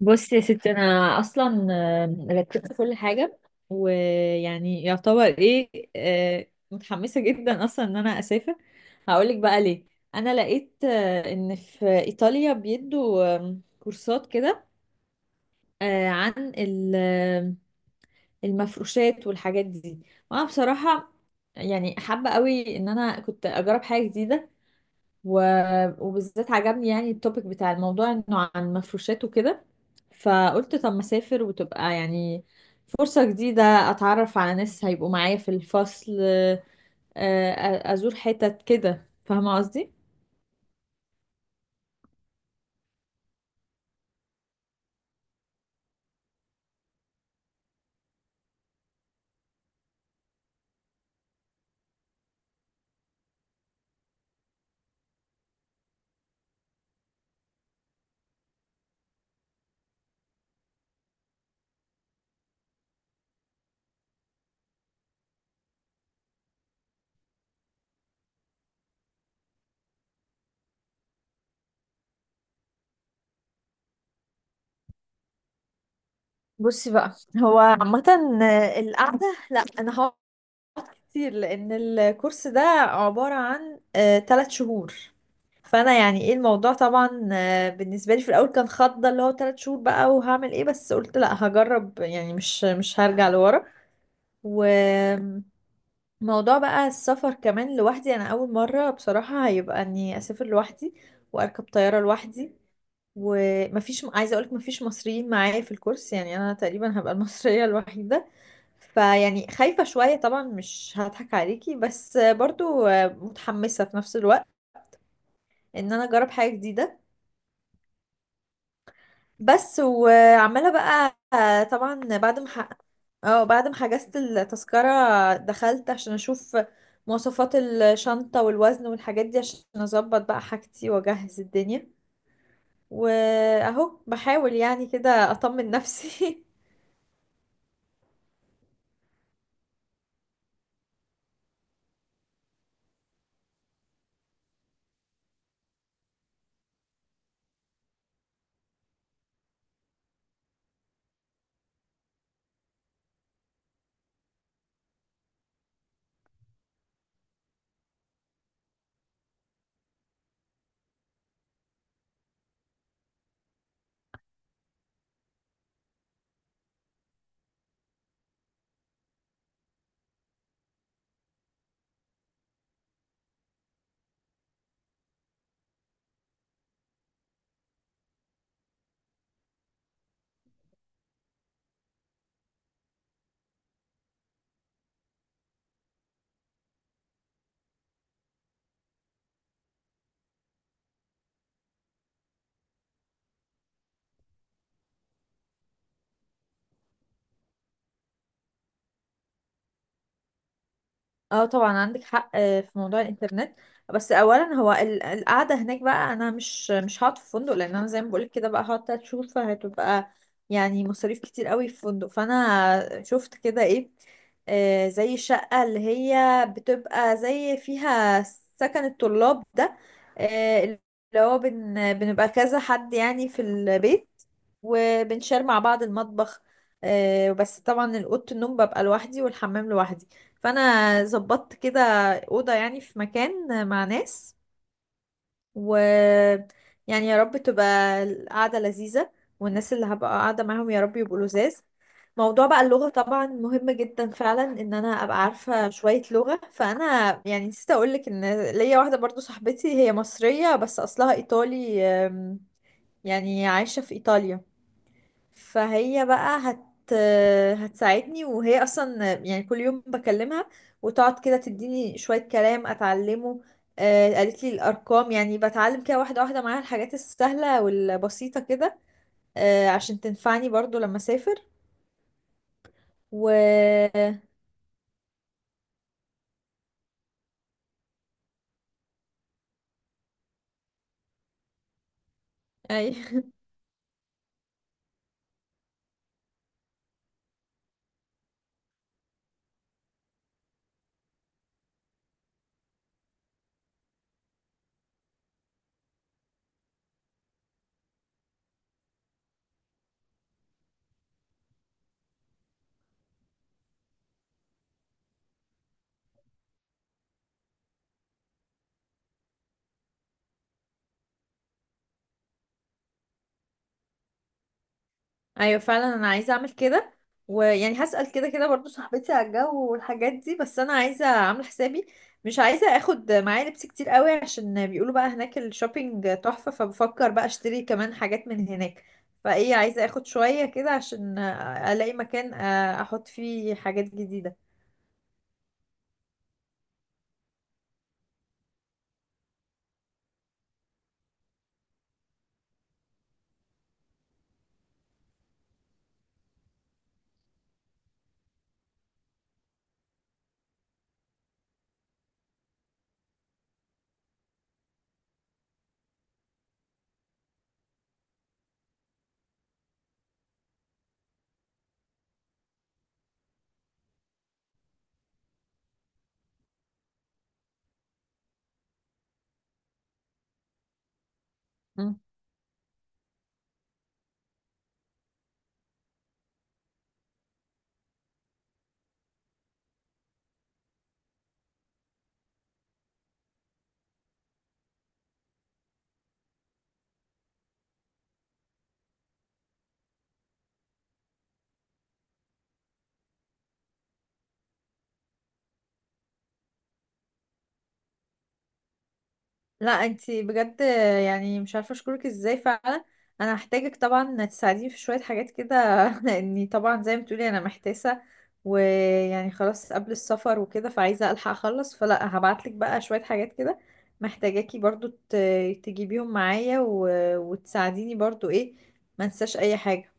بصي يا ستي انا اصلا رتبت كل حاجه، ويعني يعتبر ايه. متحمسه جدا اصلا ان انا اسافر. هقولك بقى ليه. انا لقيت ان في ايطاليا بيدوا كورسات كده آه، عن ال- آم، المفروشات والحاجات دي. وانا بصراحه يعني حابه قوي ان انا كنت اجرب حاجه جديده. و... وبالذات عجبني يعني التوبيك بتاع الموضوع انه عن مفروشات وكده. فقلت طب ما اسافر وتبقى يعني فرصة جديدة اتعرف على ناس هيبقوا معايا في الفصل، ازور حتت كده، فاهمة قصدي؟ بصي بقى، هو عامة القعدة لا انا كتير لان الكورس ده عبارة عن تلات شهور. فانا يعني ايه الموضوع طبعا، بالنسبة لي في الاول كان خضة اللي هو تلات شهور بقى وهعمل ايه، بس قلت لا هجرب يعني مش هرجع لورا. وموضوع بقى السفر كمان لوحدي، انا اول مرة بصراحة هيبقى اني اسافر لوحدي واركب طيارة لوحدي. ومفيش، عايزة اقولك مفيش مصريين معايا في الكورس، يعني انا تقريبا هبقى المصرية الوحيدة. فيعني خايفة شوية طبعا، مش هضحك عليكي، بس برضو متحمسة في نفس الوقت ان انا اجرب حاجة جديدة. بس وعمالة بقى طبعا بعد ما بعد ما حجزت التذكرة، دخلت عشان اشوف مواصفات الشنطة والوزن والحاجات دي عشان اظبط بقى حاجتي واجهز الدنيا، واهو بحاول يعني كده اطمن نفسي. اه طبعا عندك حق في موضوع الانترنت. بس اولا هو القعده هناك بقى انا مش هقعد في فندق، لان انا زي ما بقولك كده بقى هقعد تلات شهور فهتبقى يعني مصاريف كتير قوي في فندق. فانا شفت كده ايه، زي الشقه اللي هي بتبقى زي فيها سكن الطلاب ده، آه، اللي هو بن بنبقى كذا حد يعني في البيت وبنشار مع بعض المطبخ. بس طبعا الأوضة النوم ببقى لوحدي والحمام لوحدي. فانا ظبطت كده اوضه يعني في مكان مع ناس. و يعني يا رب تبقى القعده لذيذه، والناس اللي هبقى قاعده معاهم يا رب يبقوا لذاذ. موضوع بقى اللغه طبعا مهم جدا فعلا ان انا ابقى عارفه شويه لغه. فانا يعني نسيت اقولك ان ليا واحده برضو صاحبتي، هي مصريه بس اصلها ايطالي، يعني عايشه في ايطاليا. فهي بقى هت هتساعدني، وهي اصلا يعني كل يوم بكلمها، وتقعد كده تديني شوية كلام اتعلمه. قالت لي الارقام، يعني بتعلم كده واحدة واحدة معاها الحاجات السهلة والبسيطة كده، عشان تنفعني برضو لما اسافر. و اي. ايوه فعلا انا عايزه اعمل كده. ويعني هسأل كده كده برضو صاحبتي على الجو والحاجات دي، بس انا عايزه اعمل حسابي. مش عايزه اخد معايا لبس كتير قوي، عشان بيقولوا بقى هناك الشوبينج تحفه، فبفكر بقى اشتري كمان حاجات من هناك. فايه، عايزه اخد شويه كده عشان الاقي مكان احط فيه حاجات جديده. لا انتي بجد، يعني مش عارفه اشكرك ازاي فعلا. انا هحتاجك طبعا تساعديني في شويه حاجات كده، لاني طبعا زي ما بتقولي انا محتاسه. ويعني خلاص قبل السفر وكده، فعايزه الحق اخلص، فلا هبعتلك بقى شويه حاجات كده، محتاجاكي برضو تجيبيهم معايا وتساعديني برضو ايه، ما انساش اي حاجه.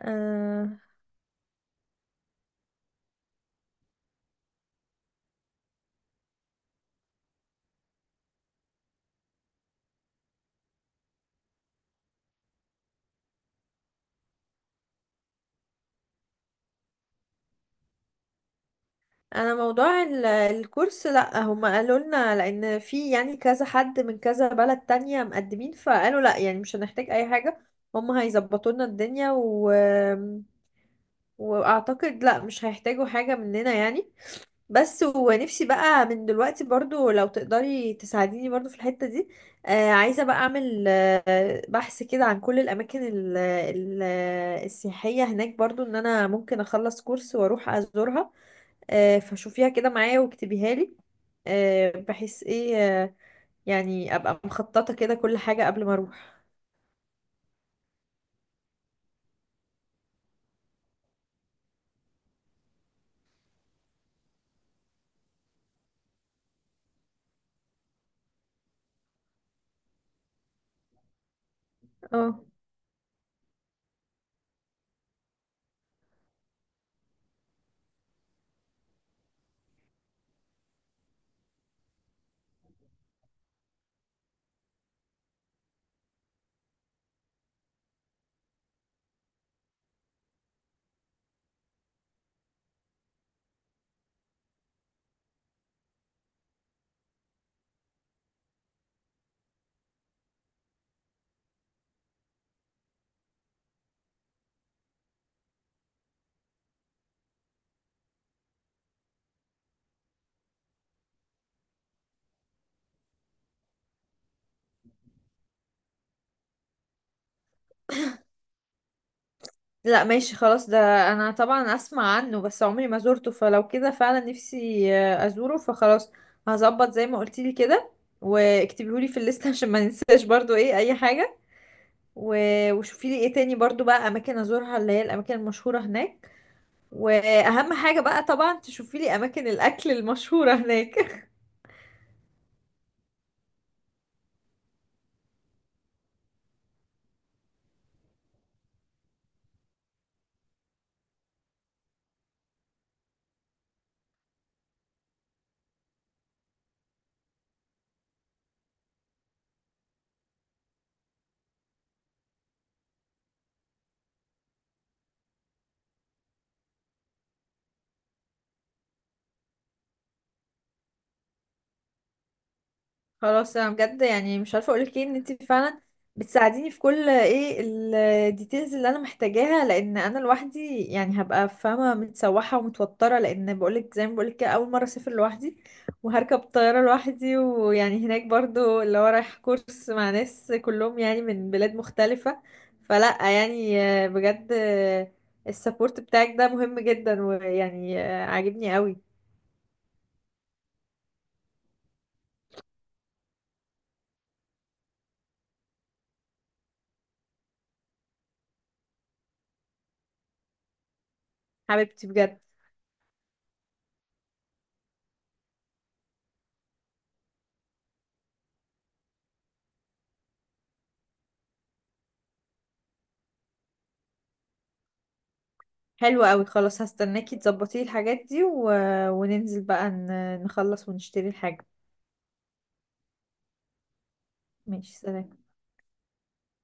آه، انا موضوع الكورس لا، هم قالوا لنا لان في يعني كذا حد من كذا بلد تانية مقدمين، فقالوا لا يعني مش هنحتاج اي حاجة، هم هيظبطوا لنا الدنيا. واعتقد لا مش هيحتاجوا حاجة مننا يعني. بس ونفسي بقى من دلوقتي برضو لو تقدري تساعديني برضو في الحتة دي. آه عايزة بقى اعمل آه بحث كده عن كل الاماكن السياحية هناك، برضو ان انا ممكن اخلص كورس واروح ازورها. فشوفيها كده معايا واكتبيها لي، آه، بحيث ايه آه، يعني ابقى مخططة كده كل حاجة قبل ما اروح. اه لا ماشي خلاص ده، انا طبعا اسمع عنه بس عمري ما زورته، فلو كده فعلا نفسي ازوره. فخلاص هظبط زي ما قلتيلي كده، واكتبيهولي في الليسته عشان ما ننساش برضو ايه اي حاجة. وشوفيلي ايه تاني برضو بقى اماكن ازورها، اللي هي الاماكن المشهورة هناك. واهم حاجة بقى طبعا تشوفيلي اماكن الاكل المشهورة هناك. خلاص انا بجد يعني مش عارفه اقولك ايه، ان انت فعلا بتساعديني في كل ايه الديتيلز اللي انا محتاجاها. لان انا لوحدي يعني هبقى فاهمه متسوحه ومتوتره، لان بقولك زي ما بقولك كده اول مره اسافر لوحدي وهركب طياره لوحدي. ويعني هناك برضو اللي هو رايح كورس مع ناس كلهم يعني من بلاد مختلفه. فلا يعني بجد السبورت بتاعك ده مهم جدا، ويعني عاجبني قوي. حبيبتي بجد. حلو قوي خلاص، هستناكي تظبطي الحاجات دي وننزل بقى نخلص ونشتري الحاجة. ماشي سلام.